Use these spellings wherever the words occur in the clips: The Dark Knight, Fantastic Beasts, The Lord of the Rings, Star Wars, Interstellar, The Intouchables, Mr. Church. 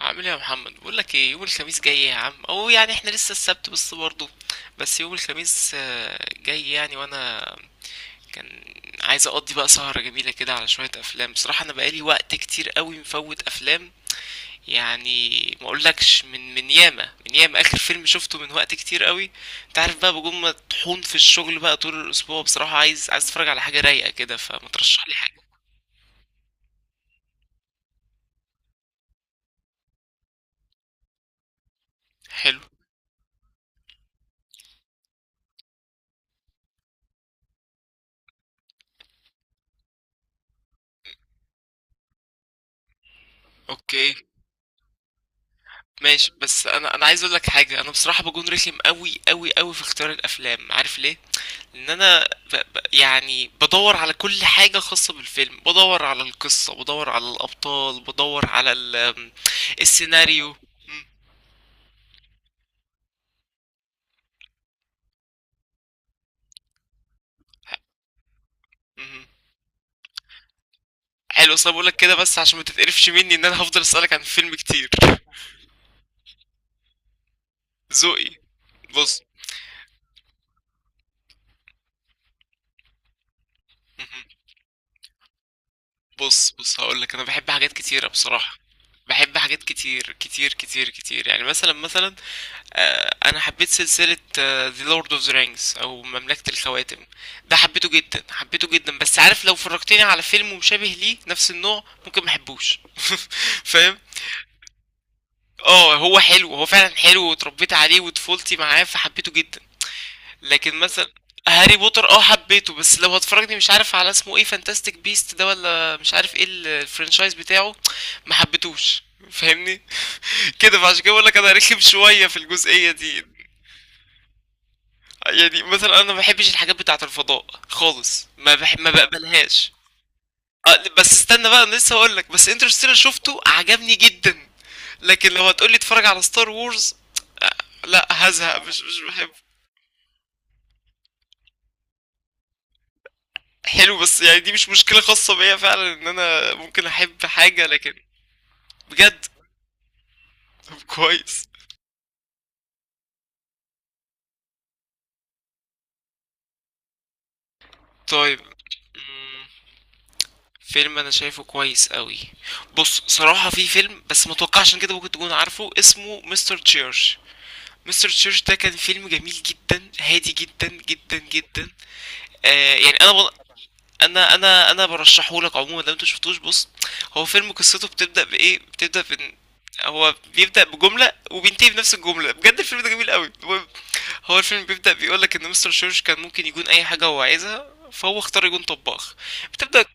عامل ايه يا محمد؟ بقول لك ايه، يوم الخميس جاي يا عم، او يعني احنا لسه السبت بس برضه. بس يوم الخميس جاي يعني، وانا كان عايز اقضي بقى سهرة جميلة كده على شوية افلام. بصراحة انا بقالي وقت كتير قوي مفوت افلام يعني. ما اقولكش من ياما من ياما، اخر فيلم شفته من وقت كتير قوي. انت عارف بقى، بجوم مطحون في الشغل بقى طول الاسبوع، بصراحة عايز اتفرج على حاجة رايقة كده، فما ترشح لي حاجة؟ حلو. اوكي، ماشي. بس انا عايز اقول لك حاجه، انا بصراحه بكون رخم قوي قوي قوي في اختيار الافلام، عارف ليه؟ لان انا يعني بدور على كل حاجه خاصه بالفيلم، بدور على القصه، بدور على الابطال، بدور على السيناريو. مم، مم. حلو. اصل بقول لك كده بس عشان ما تتقرفش مني، ان انا هفضل اسالك عن الفيلم كتير. ذوقي. بص. مم. بص بص، هقول لك انا بحب حاجات كتيره بصراحه. بحب حاجات كتير كتير كتير كتير، يعني مثلا، مثلا، انا حبيت سلسلة The Lord of the Rings او مملكة الخواتم. ده حبيته جدا، حبيته جدا، بس عارف لو فرجتني على فيلم مشابه ليه نفس النوع ممكن محبوش فاهم؟ اه، هو حلو، هو فعلا حلو، واتربيت عليه وطفولتي معاه فحبيته جدا، لكن مثلا، هاري بوتر اه حبيته، بس لو هتفرجني مش عارف على اسمه ايه، فانتاستيك بيست ده ولا مش عارف ايه، الفرنشايز بتاعه، ما حبيتوش. فاهمني؟ كده، فعشان كده بقول لك انا رخم شويه في الجزئيه دي. يعني مثلا انا ما بحبش الحاجات بتاعة الفضاء خالص، ما بقبلهاش. بس استنى بقى، انا لسه هقول لك، بس انترستيلر شفته عجبني جدا. لكن لو هتقولي اتفرج على ستار وورز، لا، هزهق، مش بحبه. حلو، بس يعني دي مش مشكلة خاصة بيا فعلا، ان انا ممكن احب حاجة لكن، بجد. طب كويس. طيب. مم، فيلم انا شايفه كويس قوي. بص صراحة في فيلم، بس متوقعش ان كده ممكن تكون عارفه، اسمه مستر تشيرش. مستر تشيرش ده كان فيلم جميل جدا، هادي جدا جدا جدا. يعني انا برشحه لك عموما، لو انت شفتوش، بص. هو فيلم قصته بتبدا بايه؟ بتبدا بان هو بيبدا بجمله وبينتهي بنفس الجمله. بجد الفيلم ده جميل قوي. المهم، هو الفيلم بيبدا بيقول لك ان مستر تشيرش كان ممكن يكون اي حاجه هو عايزها، فهو اختار يكون طباخ. بتبدا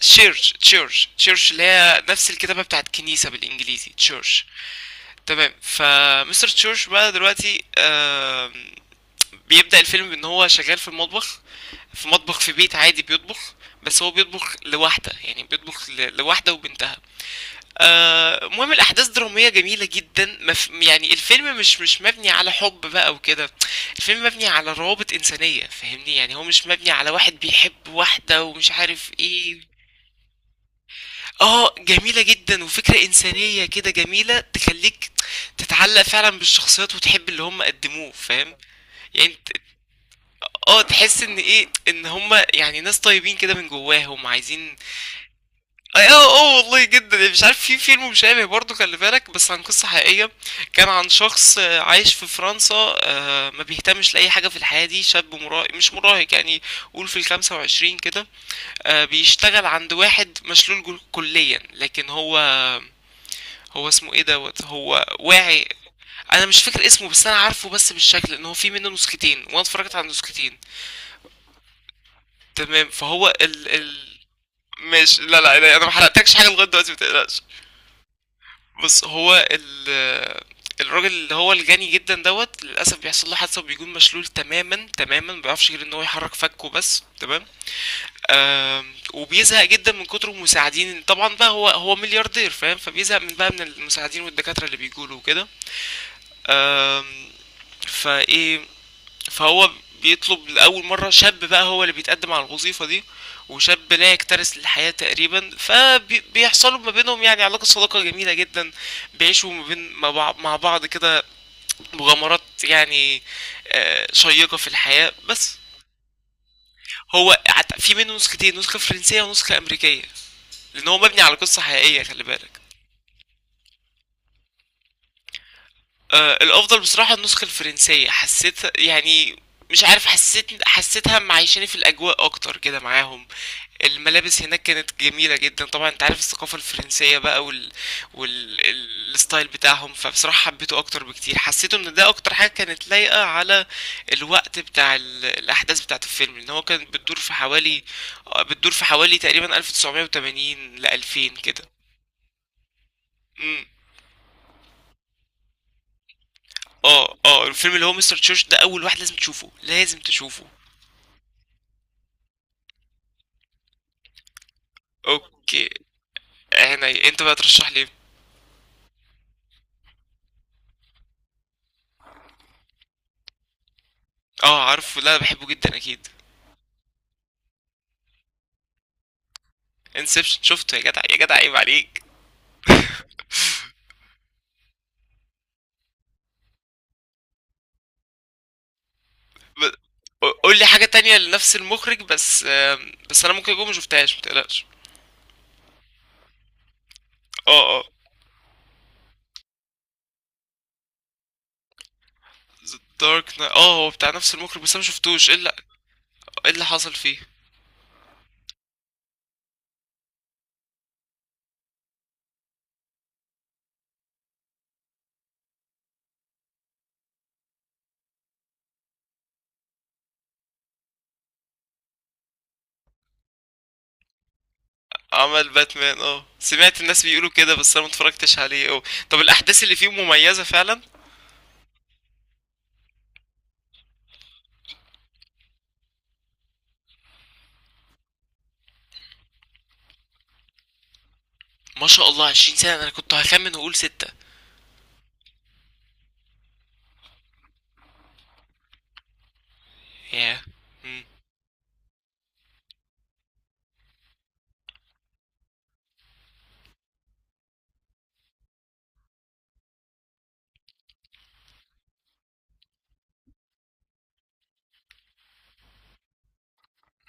تشيرش، تشيرش، تشيرش اللي هي نفس الكتابه بتاعت كنيسه بالانجليزي، تشيرش. تمام. فمستر تشورش بقى دلوقتي بيبدأ الفيلم بان هو شغال في المطبخ، في مطبخ في بيت عادي بيطبخ. بس هو بيطبخ لوحده، يعني بيطبخ لوحده وبنتها. المهم الاحداث دراميه جميله جدا، يعني الفيلم مش مبني على حب بقى وكده. الفيلم مبني على روابط انسانيه، فاهمني؟ يعني هو مش مبني على واحد بيحب واحده ومش عارف ايه. اه، جميلة جدا وفكرة إنسانية كده جميلة، تخليك تتعلق فعلا بالشخصيات وتحب اللي هم قدموه، فاهم؟ يعني انت- اه، تحس ان هم يعني ناس طيبين كده من جواهم، عايزين. اه، اه. والله جدا. يعني مش عارف في فيلم مشابه برضه، خلي بالك، بس عن قصة حقيقية. كان عن شخص عايش في فرنسا. ما بيهتمش لأي حاجة في الحياة دي، شاب مراهق، مش مراهق يعني، قول في 25 كده. بيشتغل عند واحد مشلول كليا، لكن هو، هو اسمه ايه دوت، هو واعي. انا مش فاكر اسمه، بس انا عارفه بس بالشكل، ان هو في منه نسختين، وانا اتفرجت على النسختين. تمام، فهو ال ماشي، لا لا لا، انا ما حرقتلكش حاجه لغايه دلوقتي، متقلقش. بص هو ال، الراجل اللي هو الجاني جدا دوت، للاسف بيحصل له حادثه وبيكون مشلول تماما تماما، ما بيعرفش غير ان هو يحرك فكه بس، تمام. وبيزهق جدا من كتر المساعدين، طبعا بقى هو ملياردير، فاهم؟ فبيزهق من بقى من المساعدين والدكاتره اللي بيجوا له وكده. آم، فايه، فهو بيطلب لأول مرة، شاب بقى هو اللي بيتقدم على الوظيفة دي. وشاب لا يكترث للحياة تقريبا، فبيحصلوا ما بينهم يعني علاقة صداقة جميلة جدا. بيعيشوا ما بين مع بعض- مع بعض كده مغامرات يعني، شيقة في الحياة بس. هو في منه نسختين، نسخة فرنسية ونسخة أمريكية. لأن هو مبني على قصة حقيقية، خلي بالك. الأفضل بصراحة النسخة الفرنسية، حسيت يعني، مش عارف، حسيتها معيشاني في الأجواء أكتر كده معاهم. الملابس هناك كانت جميلة جدا، طبعا انت عارف الثقافة الفرنسية بقى الستايل بتاعهم، فبصراحة حبيته اكتر بكتير، حسيته ان ده اكتر حاجة كانت لايقة على الوقت بتاع الاحداث بتاعة الفيلم، لان هو كان بتدور في حوالي تقريبا 1980 ل 2000 كده. امم اه، اه، الفيلم اللي هو مستر تشوش ده اول واحد لازم تشوفه، لازم تشوفه. اوكي. عيني، انت بقى ترشح لي. اه عارفه، لا بحبه جدا اكيد. انسبشن شفته يا جدع، يا جدع، عيب عليك. ب... قول لي حاجة تانية لنفس المخرج بس، بس انا ممكن اكون ما شفتهاش، متقلقش. اه، اه. دارك نايت، اه هو بتاع نفس المخرج، بس انا ما شفتوش، ايه اللي، ايه اللي حصل فيه؟ عمل باتمان اه، سمعت الناس بيقولوا كده، بس انا ما اتفرجتش عليه اه. طب الاحداث اللي فيه مميزة فعلا؟ ما شاء الله، 20 سنة! انا كنت هخمن واقول ستة. ياه. مم.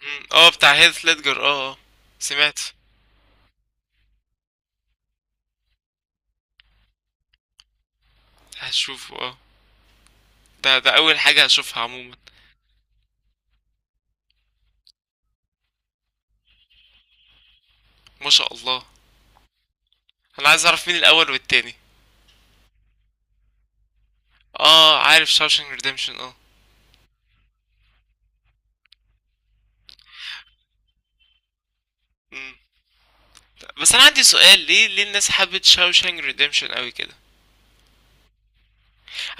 مم. اه بتاع هيث ليدجر، اه اه. سمعت. هشوفه اه، ده اول حاجة هشوفها عموما. ما شاء الله. انا عايز اعرف مين الاول والتاني. اه عارف شاوشانك ريديمشن اه. مم. بس انا عندي سؤال، ليه، ليه الناس حبت شاوشانك ريديمشن قوي كده؟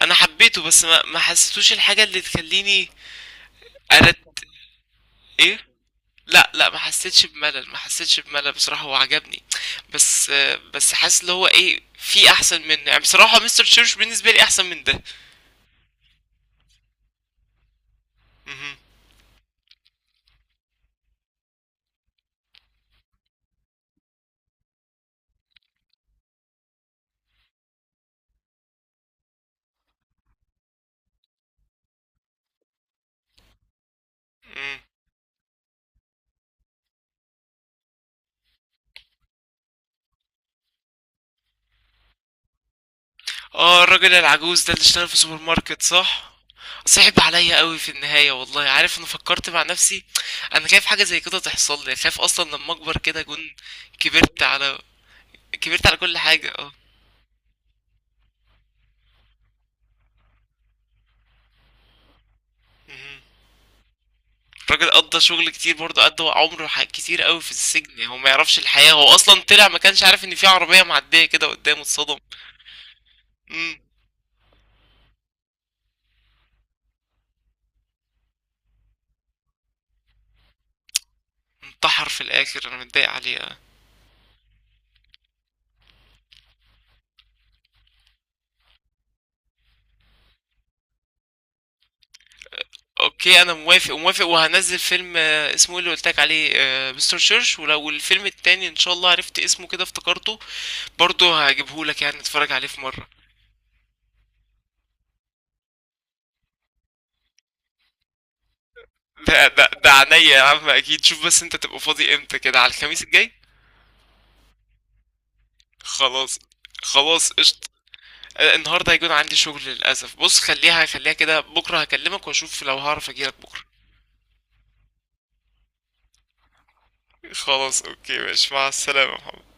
انا حبيته، بس ما حسيتوش الحاجه اللي تخليني أرد. ايه. لا لا، ما حسيتش بملل، ما حسيتش بملل، بصراحه هو عجبني. بس حاسس اللي هو ايه في احسن منه، يعني بصراحه مستر تشيرش بالنسبه لي احسن من ده. مهم. مم. اه، الراجل العجوز ده اللي اشتغل في سوبر ماركت، صح؟ صعب عليا قوي في النهاية، والله، عارف، انا فكرت مع نفسي. انا خايف حاجة زي كده تحصل لي، خايف اصلا لما اكبر كده اكون، كبرت على، كبرت على كل حاجة اه. مهم. الراجل قضى شغل كتير برضه، قضى عمره كتير قوي في السجن، يعني هو ما يعرفش الحياة، هو اصلا طلع ما كانش عارف ان في عربية معدية كده قدامه، اتصدم. مم. انتحر في الاخر، انا متضايق عليه. اوكي، انا موافق وموافق، وهنزل فيلم اسمه إيه اللي قلتلك عليه، مستر تشيرش، ولو الفيلم التاني ان شاء الله عرفت اسمه كده افتكرته برضه هجيبهولك، يعني نتفرج عليه في مرة. ده عينيا يا عم، اكيد. شوف بس انت تبقى فاضي امتى كده على الخميس الجاي. خلاص، خلاص، قشطة. النهارده هيكون عندي شغل للاسف، بص خليها، خليها كده، بكره هكلمك واشوف لو هعرف اجيلك بكره. خلاص، اوكي، ماشي، مع السلامة يا محمد.